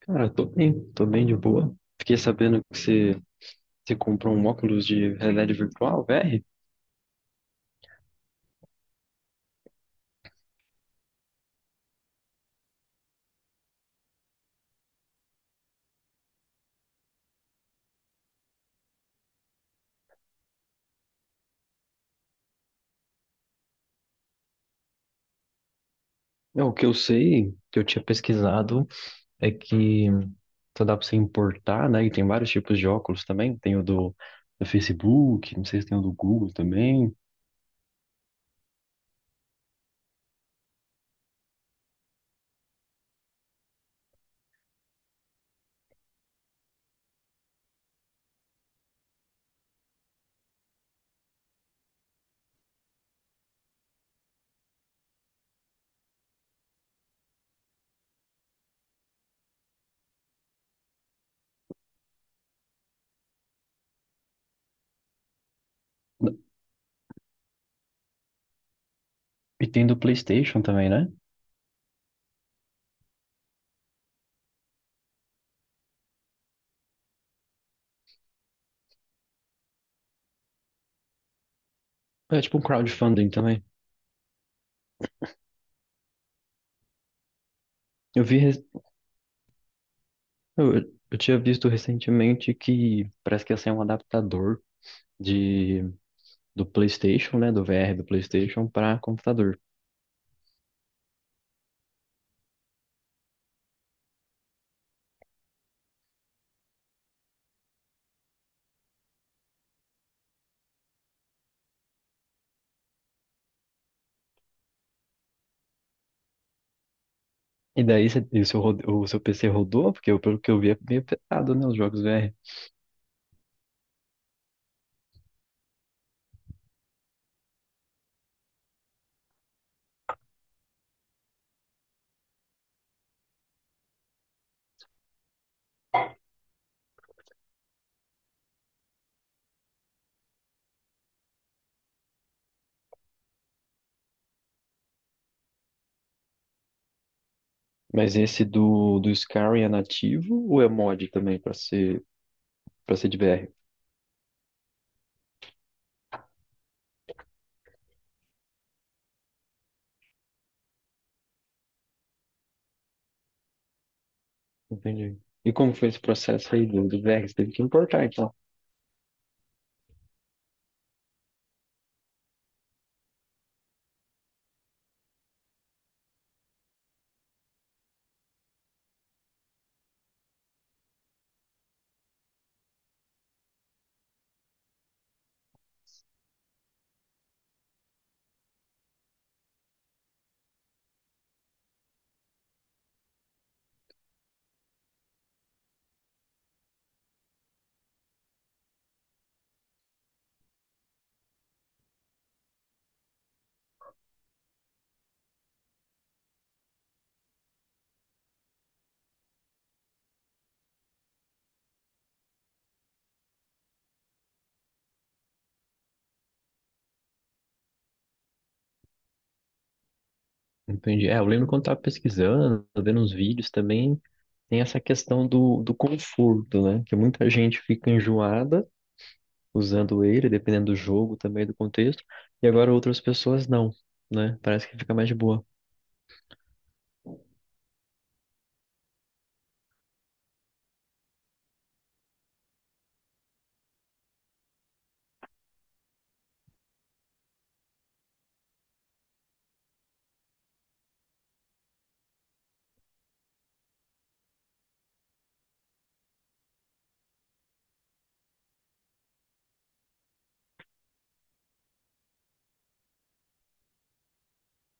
Cara, tô bem de boa. Fiquei sabendo que você comprou um óculos de realidade virtual, VR. É, o que eu sei, que eu tinha pesquisado, é que só dá pra você importar, né? E tem vários tipos de óculos também. Tem o do Facebook, não sei se tem o do Google também. E tem do PlayStation também, né? É tipo um crowdfunding também. Eu vi, res- eu, eu tinha visto recentemente que parece que ia sair um adaptador de, do PlayStation, né? Do VR do PlayStation para computador. E o seu, o seu PC rodou? Porque pelo que eu vi é meio pesado, né? Os jogos VR. Mas esse do Skyrim é nativo ou é mod também para ser de VR? Entendi. E como foi esse processo aí do VR? Você teve que importar, então. Entendi. É, eu lembro quando tava pesquisando, vendo uns vídeos também, tem essa questão do conforto, né? Que muita gente fica enjoada usando ele, dependendo do jogo também, do contexto. E agora outras pessoas não, né? Parece que fica mais de boa.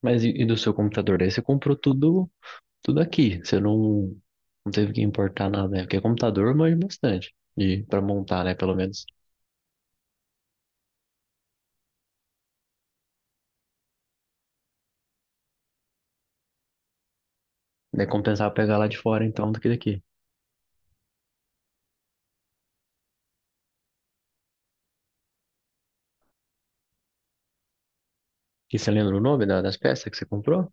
Mas e do seu computador? Daí você comprou tudo, tudo aqui. Você não, não teve que importar nada, né? Porque é computador manja bastante. E para montar, né? Pelo menos. Daí compensava pegar lá de fora, então, do que daqui. E você lembra o nome das peças que você comprou?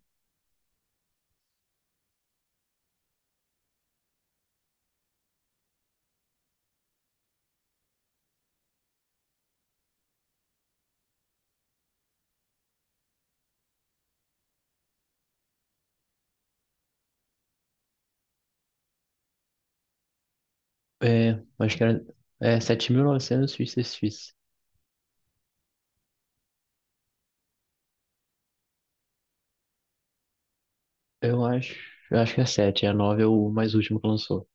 É, acho que era é, 7.900 XXX. Eu acho, eu acho que é 7. É a 9 é o mais último que lançou.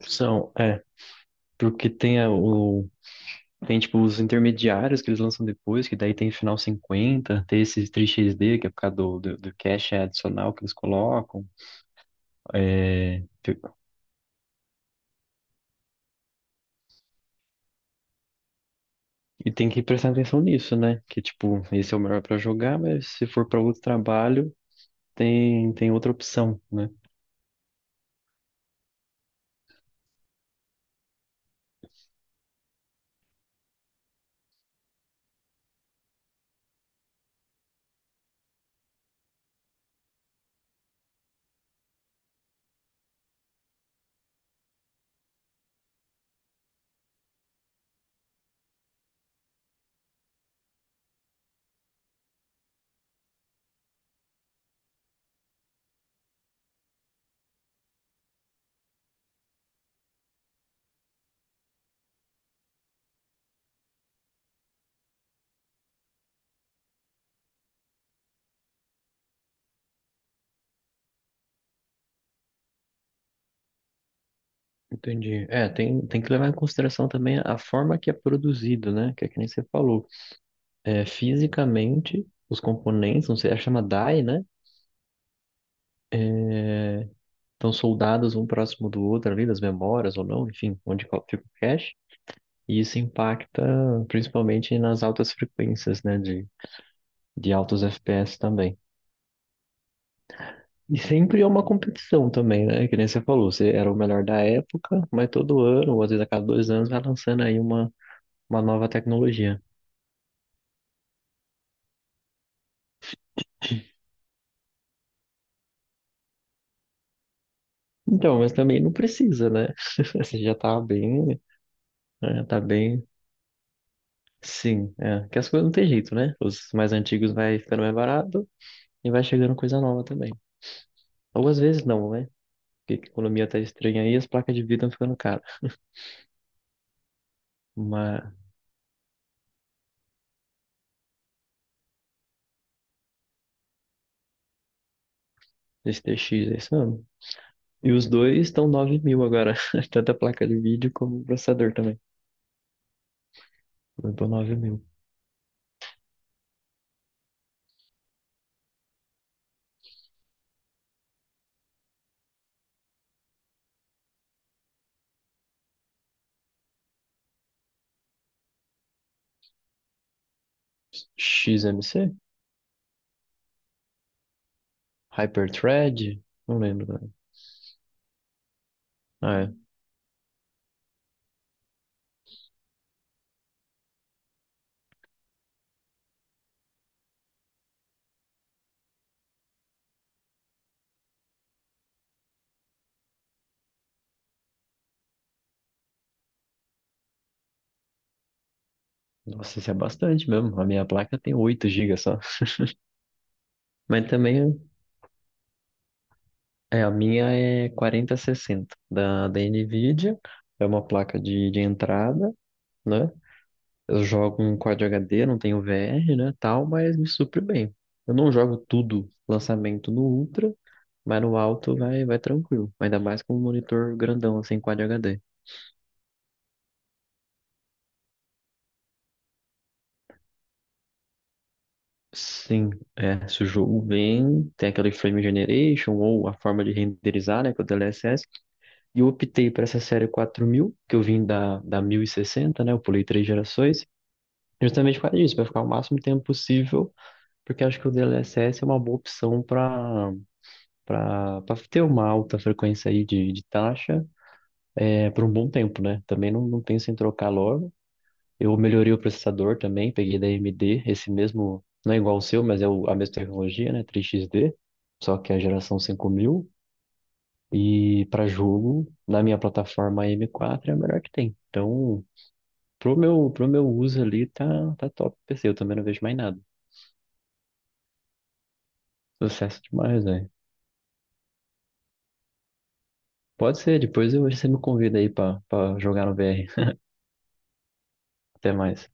São, é. Porque tem a- o tem, tipo, os intermediários que eles lançam depois, que daí tem final 50, tem esses 3XD, que é por causa do cache adicional que eles colocam. É. E tem que prestar atenção nisso, né? Que, tipo, esse é o melhor pra jogar, mas se for pra outro trabalho, tem outra opção, né? Entendi. É, tem que levar em consideração também a forma que é produzido, né? Que é que nem você falou. É, fisicamente, os componentes, não sei, a chama DAI, né? Então, soldados um próximo do outro ali, das memórias ou não, enfim, onde fica o cache. E isso impacta principalmente nas altas frequências, né, de altos FPS também. E sempre é uma competição também, né? Que nem você falou, você era o melhor da época, mas todo ano, ou às vezes a cada 2 anos, vai lançando aí uma nova tecnologia. Então, mas também não precisa, né? Você já tá bem, né, tá bem, sim, é. Que as coisas não tem jeito, né? Os mais antigos vai ficando mais barato e vai chegando coisa nova também. Ou às vezes não, né? Porque a economia tá estranha aí, as placas de vídeo estão ficando caras. Uma STX, é isso mesmo. E os dois estão 9000 agora. Tanto a placa de vídeo como o processador também. Levantou 9 mil. XMC? Hyperthread? Não lembro. Né? Ah, é. Nossa, isso é bastante mesmo. A minha placa tem 8 gigas só. Mas também, é, a minha é 4060 da NVIDIA. É uma placa de entrada, né? Eu jogo um Quad HD, não tenho VR, né, tal, mas me supre bem. Eu não jogo tudo lançamento no Ultra, mas no alto vai tranquilo. Ainda mais com um monitor grandão, assim, Quad HD. Sim, é, se o jogo vem, tem aquele frame generation ou a forma de renderizar, né, com o DLSS. E eu optei por essa série 4000, que eu vim da 1060, né, eu pulei três gerações, justamente por causa disso, para ficar o máximo tempo possível, porque acho que o DLSS é uma boa opção para ter uma alta frequência aí de taxa, é, por um bom tempo, né? Também não, não penso em trocar logo. Eu melhorei o processador também, peguei da AMD, esse mesmo, não é igual ao seu, mas é a mesma tecnologia, né? 3XD, só que é a geração 5000. E para jogo, na minha plataforma M4 é a melhor que tem. Então, pro meu uso ali, tá top o PC, eu também não vejo mais nada. Sucesso demais, velho. Pode ser, depois você me convida aí pra jogar no VR. Até mais.